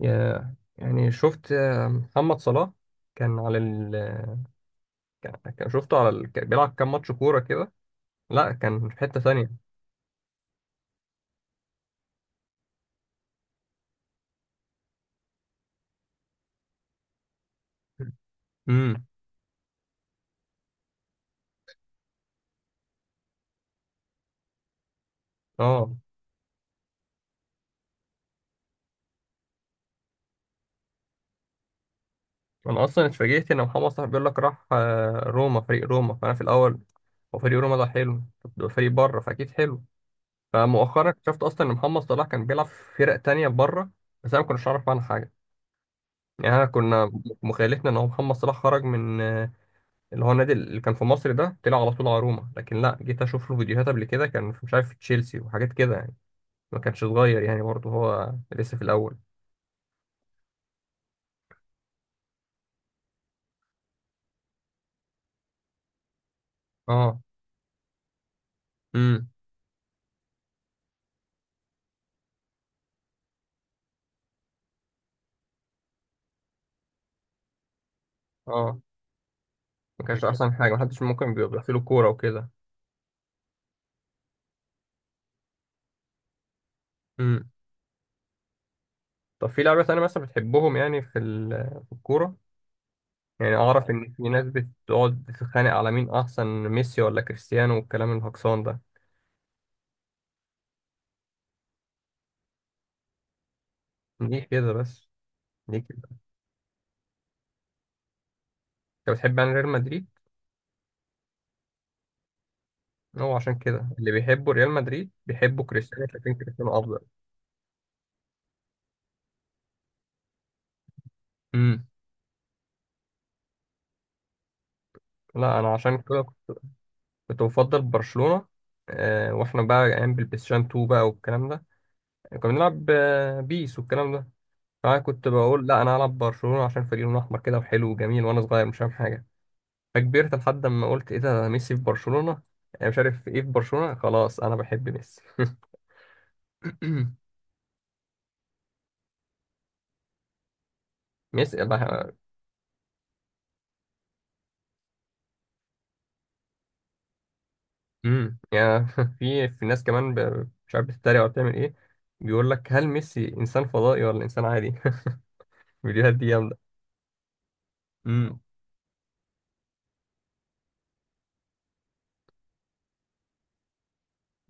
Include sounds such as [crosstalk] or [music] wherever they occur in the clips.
يعني شفت، محمد صلاح كان على ال شفته على ال كان بيلعب كام ماتش كورة كده. لا، كان في حتة ثانية. امم اه. انا اصلا اتفاجئت ان محمد صلاح بيقول لك راح روما، فريق روما، فانا في الاول. هو فريق روما ده حلو؟ طب ده فريق بره، فاكيد حلو. فمؤخرا اكتشفت اصلا ان محمد صلاح كان بيلعب في فرق تانية بره. بس انا ما كنتش اعرف عنها حاجة. يعني انا كنا مخيلتنا ان هو محمد صلاح خرج من، اللي هو النادي اللي كان في مصر ده، طلع على طول على روما. لكن لا، جيت اشوف له فيديوهات قبل كده كان في- مش عارف، في تشيلسي وحاجات كده يعني. ما كانش صغير يعني برضه، هو لسه في الاول. اه. امم اه. ما كانش احسن حاجه، محدش ممكن بيبقى في له كوره وكده. امم طب في لعيبه تانية مثلا بتحبهم، يعني في ال- في الكوره؟ يعني اعرف ان في ناس بتقعد تتخانق على مين احسن، ميسي ولا كريستيانو والكلام الهكسان ده. ليه كده بس؟ ليه كده؟ انت بتحب يعني ريال مدريد؟ هو عشان كده اللي بيحبوا ريال مدريد بيحبوا كريستيانو، شايفين كريستيانو افضل. امم لا، انا عشان كده كنت بفضل برشلونة. واحنا بقى ايام بالبلايستيشن 2 بقى والكلام ده، كنا بنلعب بيس والكلام ده. فانا كنت بقول لا، انا هلعب برشلونة عشان فريق لونه احمر كده وحلو وجميل، وانا صغير مش فاهم حاجة. فكبرت لحد ما قلت ايه ده، ميسي في برشلونة؟ أنا مش عارف ايه في برشلونة، خلاص انا بحب ميسي. [laughs] ميسي بح- يعني [laughs] في في ناس كمان ب- مش عارف بتتريق ولا بتعمل ايه، بيقول لك هل ميسي انسان فضائي ولا انسان عادي. [laughs] الفيديوهات دي جامدة. امم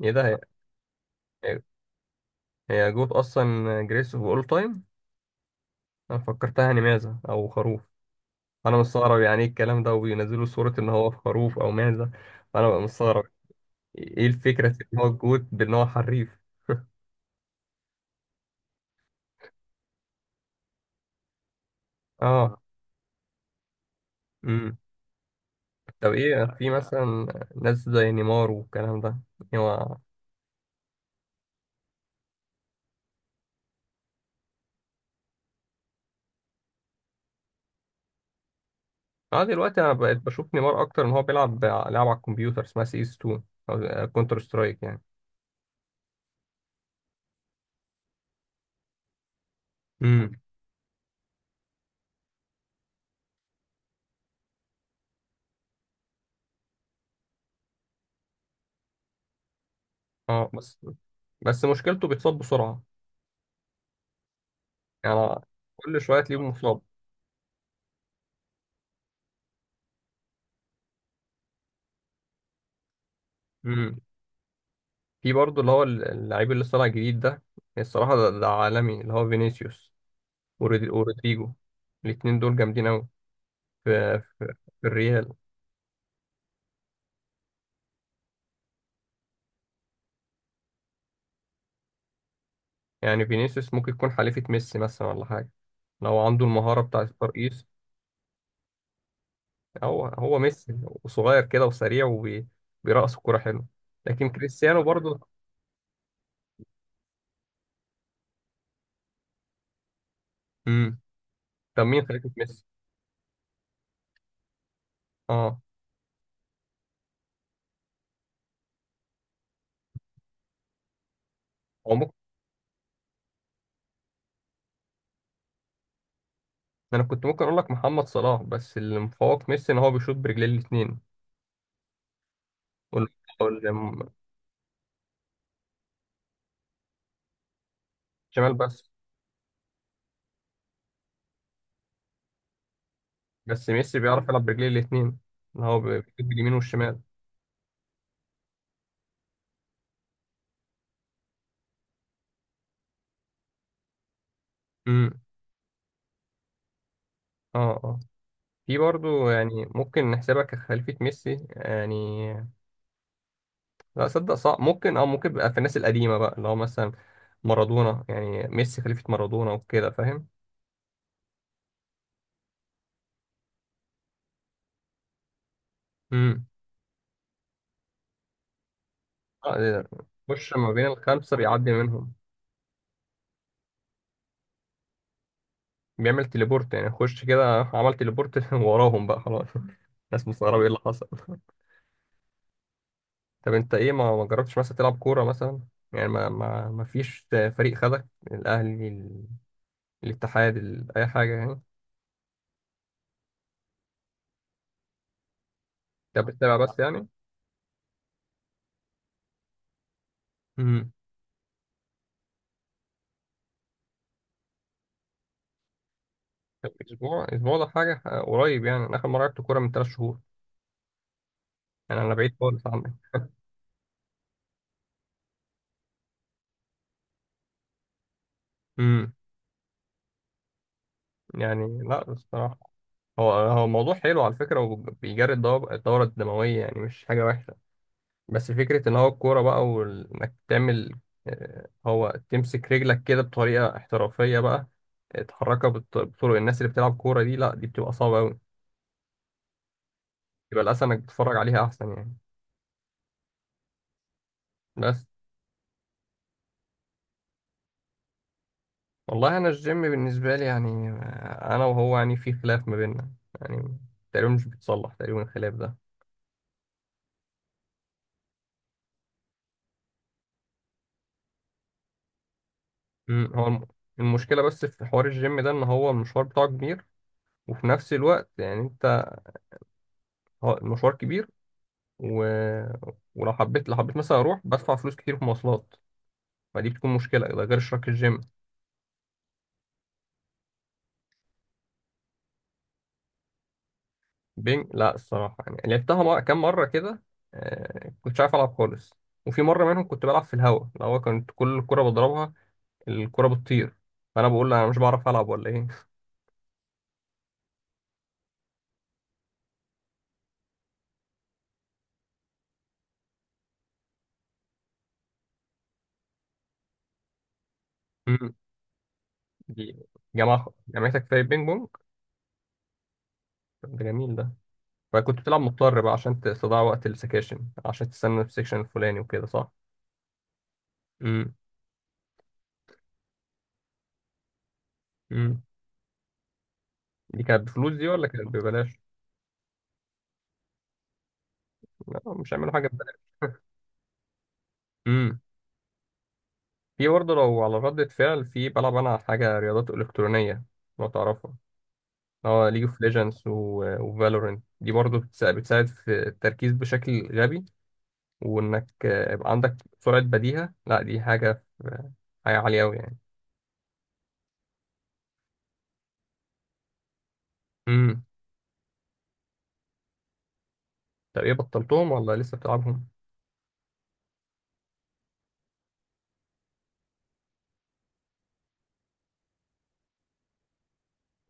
ايه ده؟ أيوة. هي جوت اصلا، جريس باول تايم. انا فكرتها يعني معزه او خروف. انا مستغرب يعني ايه الكلام ده، وبينزلوا صوره ان هو في خروف او معزه. فانا بقى مستغرب ايه الفكره في ان هو الجوت، بان هو حريف. اه. امم طب ايه، في مثلا ناس زي نيمار والكلام ده؟ هو اه، دلوقتي انا بقيت بشوف نيمار اكتر ان هو بيلعب ع- لعب على الكمبيوتر اسمها سي اس 2، او كونتر سترايك يعني. امم اه. بس مشكلته بيتصاب بسرعه. يعني كل شويه تلاقيه مصاب. في برضه اللي هو اللعيب اللي لسه طالع جديد ده يعني، الصراحة ده عالمي، اللي هو فينيسيوس، ورودي- ورودريجو. الاتنين دول جامدين أوي. في, في, في الريال. يعني فينيسيوس ممكن يكون حليفة ميسي مثلا ولا حاجة، لو عنده المهارة بتاعة الترقيص. هو هو ميسي، وصغير كده وسريع وبيرقص الكورة حلو. لكن كريستيانو برضه. امم طب مين خليفة ميسي؟ اه. هو ممكن، أنا كنت ممكن أقول لك محمد صلاح، بس اللي مفوق ميسي إن هو بيشوط برجليه الاتنين، وال- والشمال. بس بس ميسي بيعرف يلعب برجليه الاتنين، إن هو بيجيب اليمين والشمال. امم اه اه. في برضه يعني ممكن نحسبها كخليفة ميسي يعني، لا صدق صعب. ممكن اه ممكن بقى في الناس القديمة بقى، اللي هو مثلا مارادونا، يعني ميسي خليفة مارادونا وكده فاهم. امم آه، ده- خش ما بين الخمسة، بيعدي منهم. بيعمل تليبورت يعني، خش كده عمل تليبورت [laughs] وراهم بقى خلاص. [laughs] الناس مستغربة ايه اللي حصل. طب انت ايه، ما جربتش مثلا تلعب كوره مثلا؟ يعني ما فيش فريق خدك؟ الاهلي، ال- الاتحاد، ال- اي حاجه يعني. انت بتتابع بس يعني. امم طب اسبوع، اسبوع ده حاجه قريب. يعني انا اخر مره لعبت كوره من ثلاث شهور، يعني انا بعيد خالص عنك. امم يعني لا الصراحه. هو هو موضوع حلو على فكره، وبيجري الدو- الدوره الدمويه، يعني مش حاجه وحشه. بس فكرة إن هو الكورة بقى، وإنك تعمل، هو تمسك رجلك كده بطريقة احترافية بقى، تحركها بالط- بطرق الناس اللي بتلعب كورة، دي لأ دي بتبقى صعبة أوي. يبقى الأحسن إنك تتفرج عليها أحسن يعني. بس والله، أنا الجيم بالنسبة لي يعني، أنا وهو يعني في خلاف ما بيننا. يعني تقريبا مش بيتصلح تقريبا الخلاف ده. هو الم- المشكلة بس في حوار الجيم ده إن هو المشوار بتاعه كبير، وفي نفس الوقت يعني أنت، هو المشوار كبير، و... ولو حبيت، لو حبيت مثلا اروح بدفع فلوس كتير في مواصلات، فدي بتكون مشكله، ده غير اشتراك الجيم. بينج، لا الصراحه يعني لعبتها، مر... كام مره كده. كنتش عارف العب خالص. وفي مره منهم كنت بلعب في الهوا، اللي هو كنت كل كره بضربها الكره بتطير. فانا بقول لها انا مش بعرف العب ولا ايه. [laughs] أمم، دي جماعه، جامعتك في بينج بونج؟ طب ده جميل ده. فكنت بتلعب مضطر بقى عشان تستضيع وقت السكاشن، عشان تستنى في السكشن الفلاني وكده صح. امم امم. دي كانت بفلوس دي ولا كانت ببلاش؟ لا، مش هيعملوا حاجة ببلاش. امم في برضه لو على ردة فعل، في بلعب أنا حاجة رياضات إلكترونية لو تعرفها. اه، ليج اوف ليجندز وفالورنت، دي برضه بتسا- بتساعد في التركيز بشكل غبي. وإنك يبقى عندك سرعة بديهة، لا دي حاجة في- حاجة عالية أوي يعني. امم طب ايه، بطلتهم ولا لسه بتلعبهم؟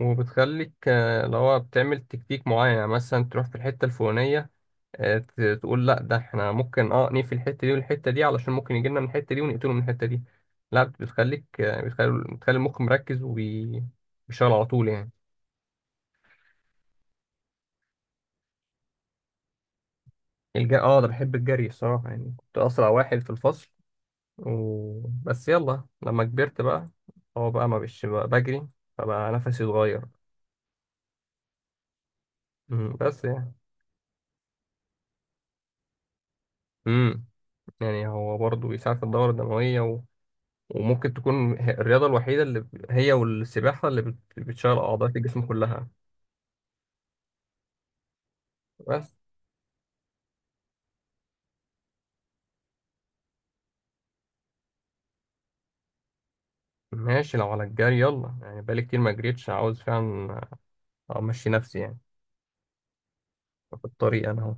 وبتخليك اللي هو بتعمل تكتيك معين، يعني مثلا تروح في الحتة الفلانية، تقول لا ده احنا ممكن اه نقفل الحته دي والحته دي، علشان ممكن يجي لنا من الحته دي ونقتله من الحته دي. لا، بتخليك بتخلي المخ مركز وبيشتغل على طول يعني. الج- اه، ده بحب الجري الصراحه يعني، كنت اسرع واحد في الفصل. و... بس يلا لما كبرت بقى، هو بقى ما بقتش بقى بجري، فبقى نفسي اتغير. بس يعني. امم يعني هو برضه بيساعد في الدورة الدموية، و... وممكن تكون هي- الرياضة الوحيدة اللي ب- هي والسباحة، اللي بت- بتشغل أعضاء الجسم كلها. بس ماشي، لو على الجري يلا يعني، بقالي كتير ما جريتش، عاوز فعلا امشي، نفسي يعني. في الطريق انا اهو.